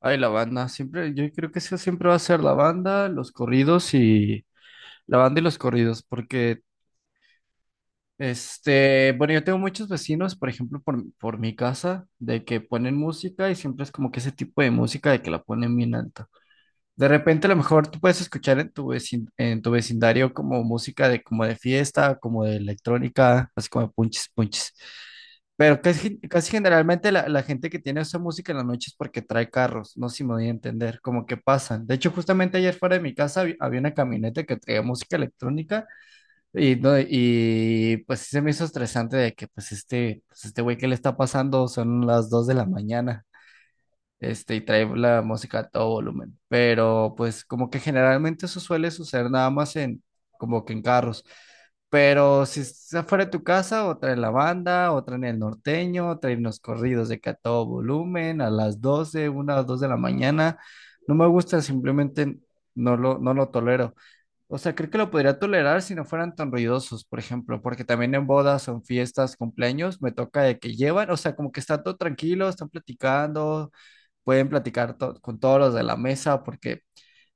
Ay, la banda, siempre, yo creo que eso siempre va a ser la banda, los corridos y la banda y los corridos, porque bueno, yo tengo muchos vecinos, por ejemplo, por mi casa, de que ponen música y siempre es como que ese tipo de música de que la ponen bien alta. De repente, a lo mejor tú puedes escuchar en tu en tu vecindario como música de como de fiesta, como de electrónica, así como punches, punches. Pero casi generalmente la gente que tiene esa música en la noche es porque trae carros, no sé si me voy a entender, como que pasan. De hecho, justamente ayer fuera de mi casa había una camioneta que traía música electrónica y, no, y pues sí se me hizo estresante de que pues este güey, ¿qué le está pasando? Son las 2 de la mañana, y trae la música a todo volumen. Pero pues como que generalmente eso suele suceder nada más como que en carros. Pero si es afuera de tu casa, otra en la banda, otra en el norteño, otra en los corridos de que a todo volumen, a las 12 una o dos de la mañana. No me gusta, simplemente no lo tolero. O sea, creo que lo podría tolerar si no fueran tan ruidosos, por ejemplo, porque también en bodas, en fiestas, cumpleaños, me toca de que llevan, o sea, como que está todo tranquilo, están platicando, pueden platicar con todos los de la mesa, porque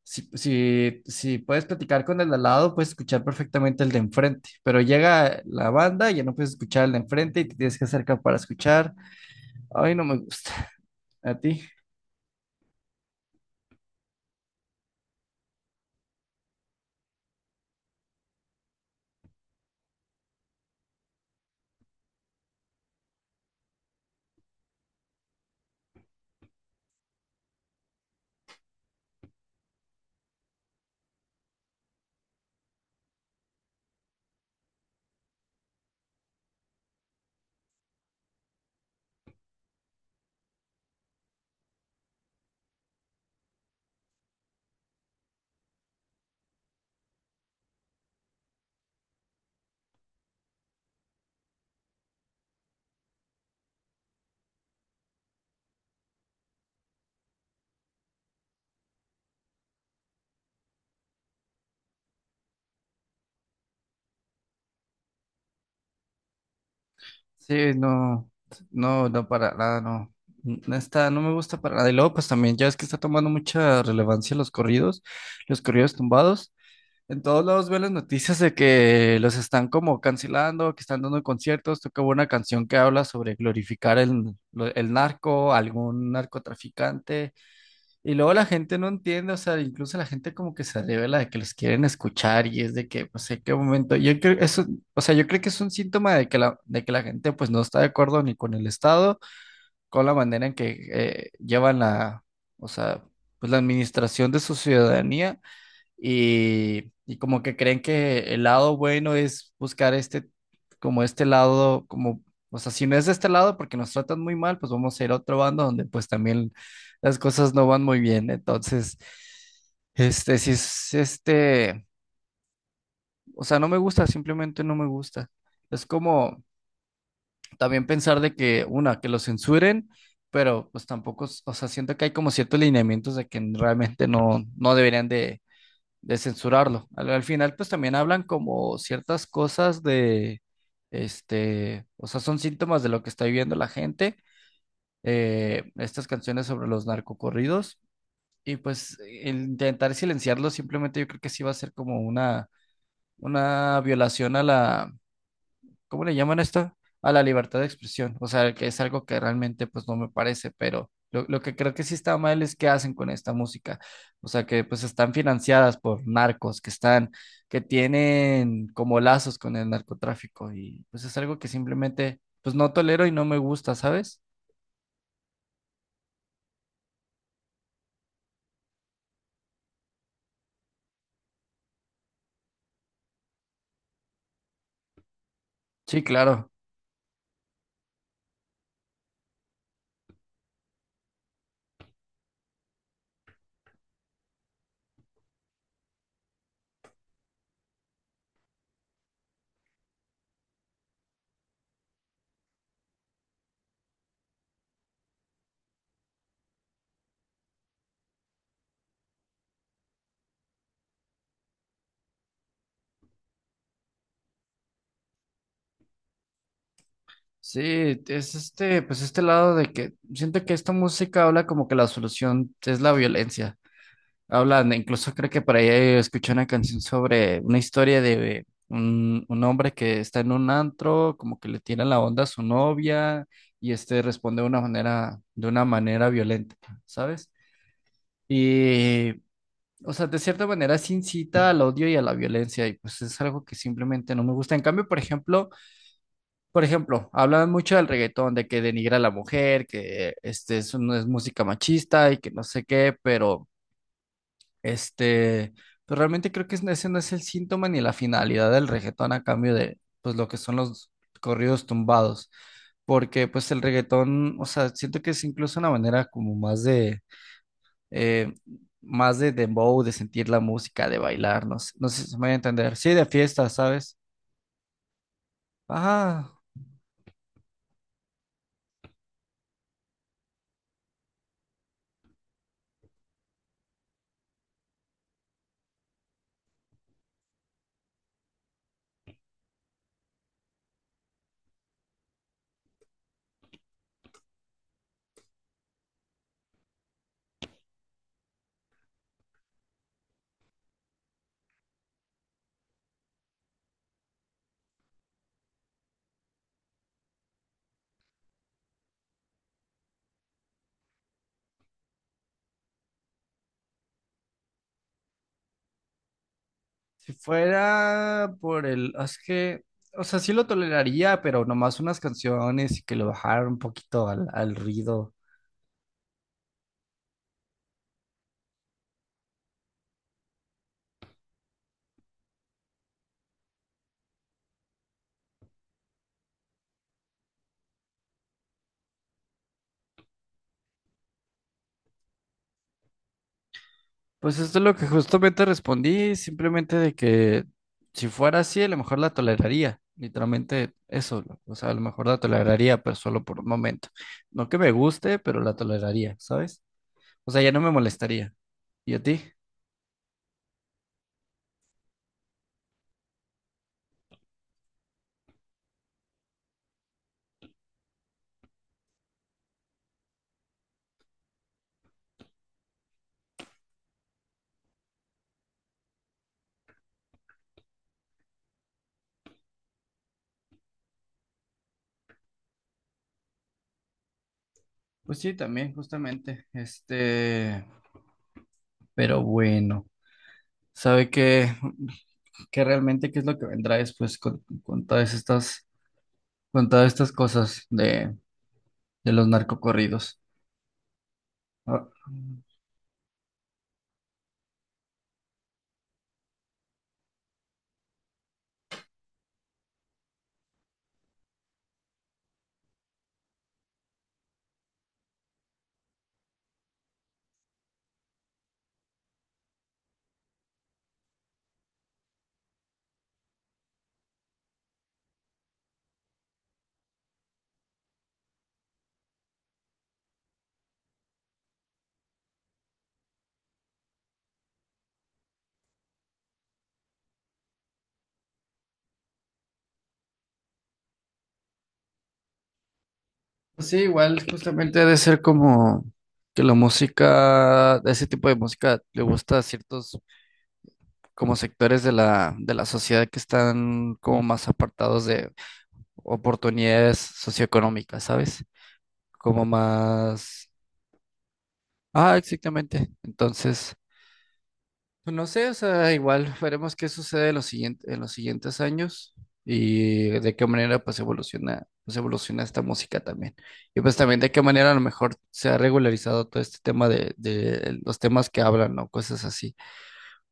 si puedes platicar con el de al lado, puedes escuchar perfectamente el de enfrente, pero llega la banda y ya no puedes escuchar el de enfrente y te tienes que acercar para escuchar. Ay, no me gusta. ¿A ti? Sí, no, no, no, para nada, no. No está, no me gusta para nada. Y luego, pues también, ya es que está tomando mucha relevancia los corridos tumbados. En todos lados veo las noticias de que los están como cancelando, que están dando conciertos. Tocaba una canción que habla sobre glorificar el narco, algún narcotraficante. Y luego la gente no entiende, o sea, incluso la gente como que se revela de que los quieren escuchar y es de que, pues, en qué momento. Yo creo eso, o sea, yo creo que es un síntoma de de que la gente, pues, no está de acuerdo ni con el Estado, con la manera en que llevan o sea, pues, la administración de su ciudadanía y como que creen que el lado bueno es buscar como este lado, como, o sea, si no es de este lado porque nos tratan muy mal, pues vamos a ir a otro bando donde pues también las cosas no van muy bien. Entonces, este, si es este, o sea, no me gusta, simplemente no me gusta. Es como también pensar de que, una, que lo censuren, pero pues tampoco, o sea, siento que hay como ciertos lineamientos de que realmente no deberían de censurarlo. Al final, pues también hablan como ciertas cosas de, o sea, son síntomas de lo que está viviendo la gente, estas canciones sobre los narcocorridos, y pues el intentar silenciarlo simplemente yo creo que sí va a ser como una violación a la, ¿cómo le llaman esto? A la libertad de expresión. O sea, que es algo que realmente pues no me parece, pero lo que creo que sí está mal es qué hacen con esta música. O sea, que pues están financiadas por narcos, que tienen como lazos con el narcotráfico y pues es algo que simplemente pues no tolero y no me gusta, ¿sabes? Sí, claro. Sí, es pues este lado de que siento que esta música habla como que la solución es la violencia. Hablan, incluso creo que por ahí escuché una canción sobre una historia de un hombre que está en un antro, como que le tira la onda a su novia y este responde de una manera violenta, ¿sabes? Y, o sea, de cierta manera se incita al odio y a la violencia y pues es algo que simplemente no me gusta. En cambio, por ejemplo, hablan mucho del reggaetón, de que denigra a la mujer, que eso no es música machista y que no sé qué, pero... Este, pero realmente creo que ese no es el síntoma ni la finalidad del reggaetón a cambio de, pues, lo que son los corridos tumbados. Porque, pues, el reggaetón, o sea, siento que es incluso una manera como eh, más de dembow, de sentir la música, de bailar, no sé, no sé si me voy a entender. Sí, de fiesta, ¿sabes? Ajá, si fuera por el, es que, o sea, sí lo toleraría, pero nomás unas canciones y que lo bajara un poquito al ruido. Pues esto es lo que justamente respondí, simplemente de que si fuera así, a lo mejor la toleraría, literalmente eso, o sea, a lo mejor la toleraría, pero solo por un momento. No que me guste, pero la toleraría, ¿sabes? O sea, ya no me molestaría. ¿Y a ti? Pues sí, también, justamente, pero bueno, ¿sabe qué? Que realmente qué es lo que vendrá después con todas estas cosas de los narcocorridos. Ah, pues sí, igual justamente ha de ser como que la música, ese tipo de música le gusta a ciertos como sectores de de la sociedad que están como más apartados de oportunidades socioeconómicas, ¿sabes? Como más... Ah, exactamente. Entonces... No sé, o sea, igual veremos qué sucede en los siguientes años y de qué manera pues evoluciona esta música también. Y pues también de qué manera a lo mejor se ha regularizado todo este tema de los temas que hablan, ¿no? Cosas así.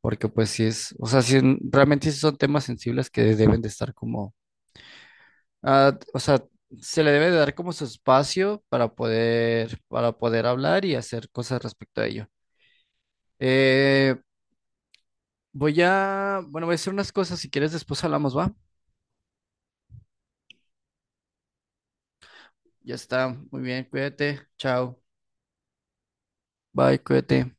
Porque pues sí es, o sea, sí, realmente sí son temas sensibles que deben de estar como, o sea, se le debe de dar como su espacio para poder hablar y hacer cosas respecto a ello. Eh, Voy a, bueno, voy a hacer unas cosas, si quieres después hablamos, ¿va? Ya está, muy bien, cuídate, chao, bye, cuídate.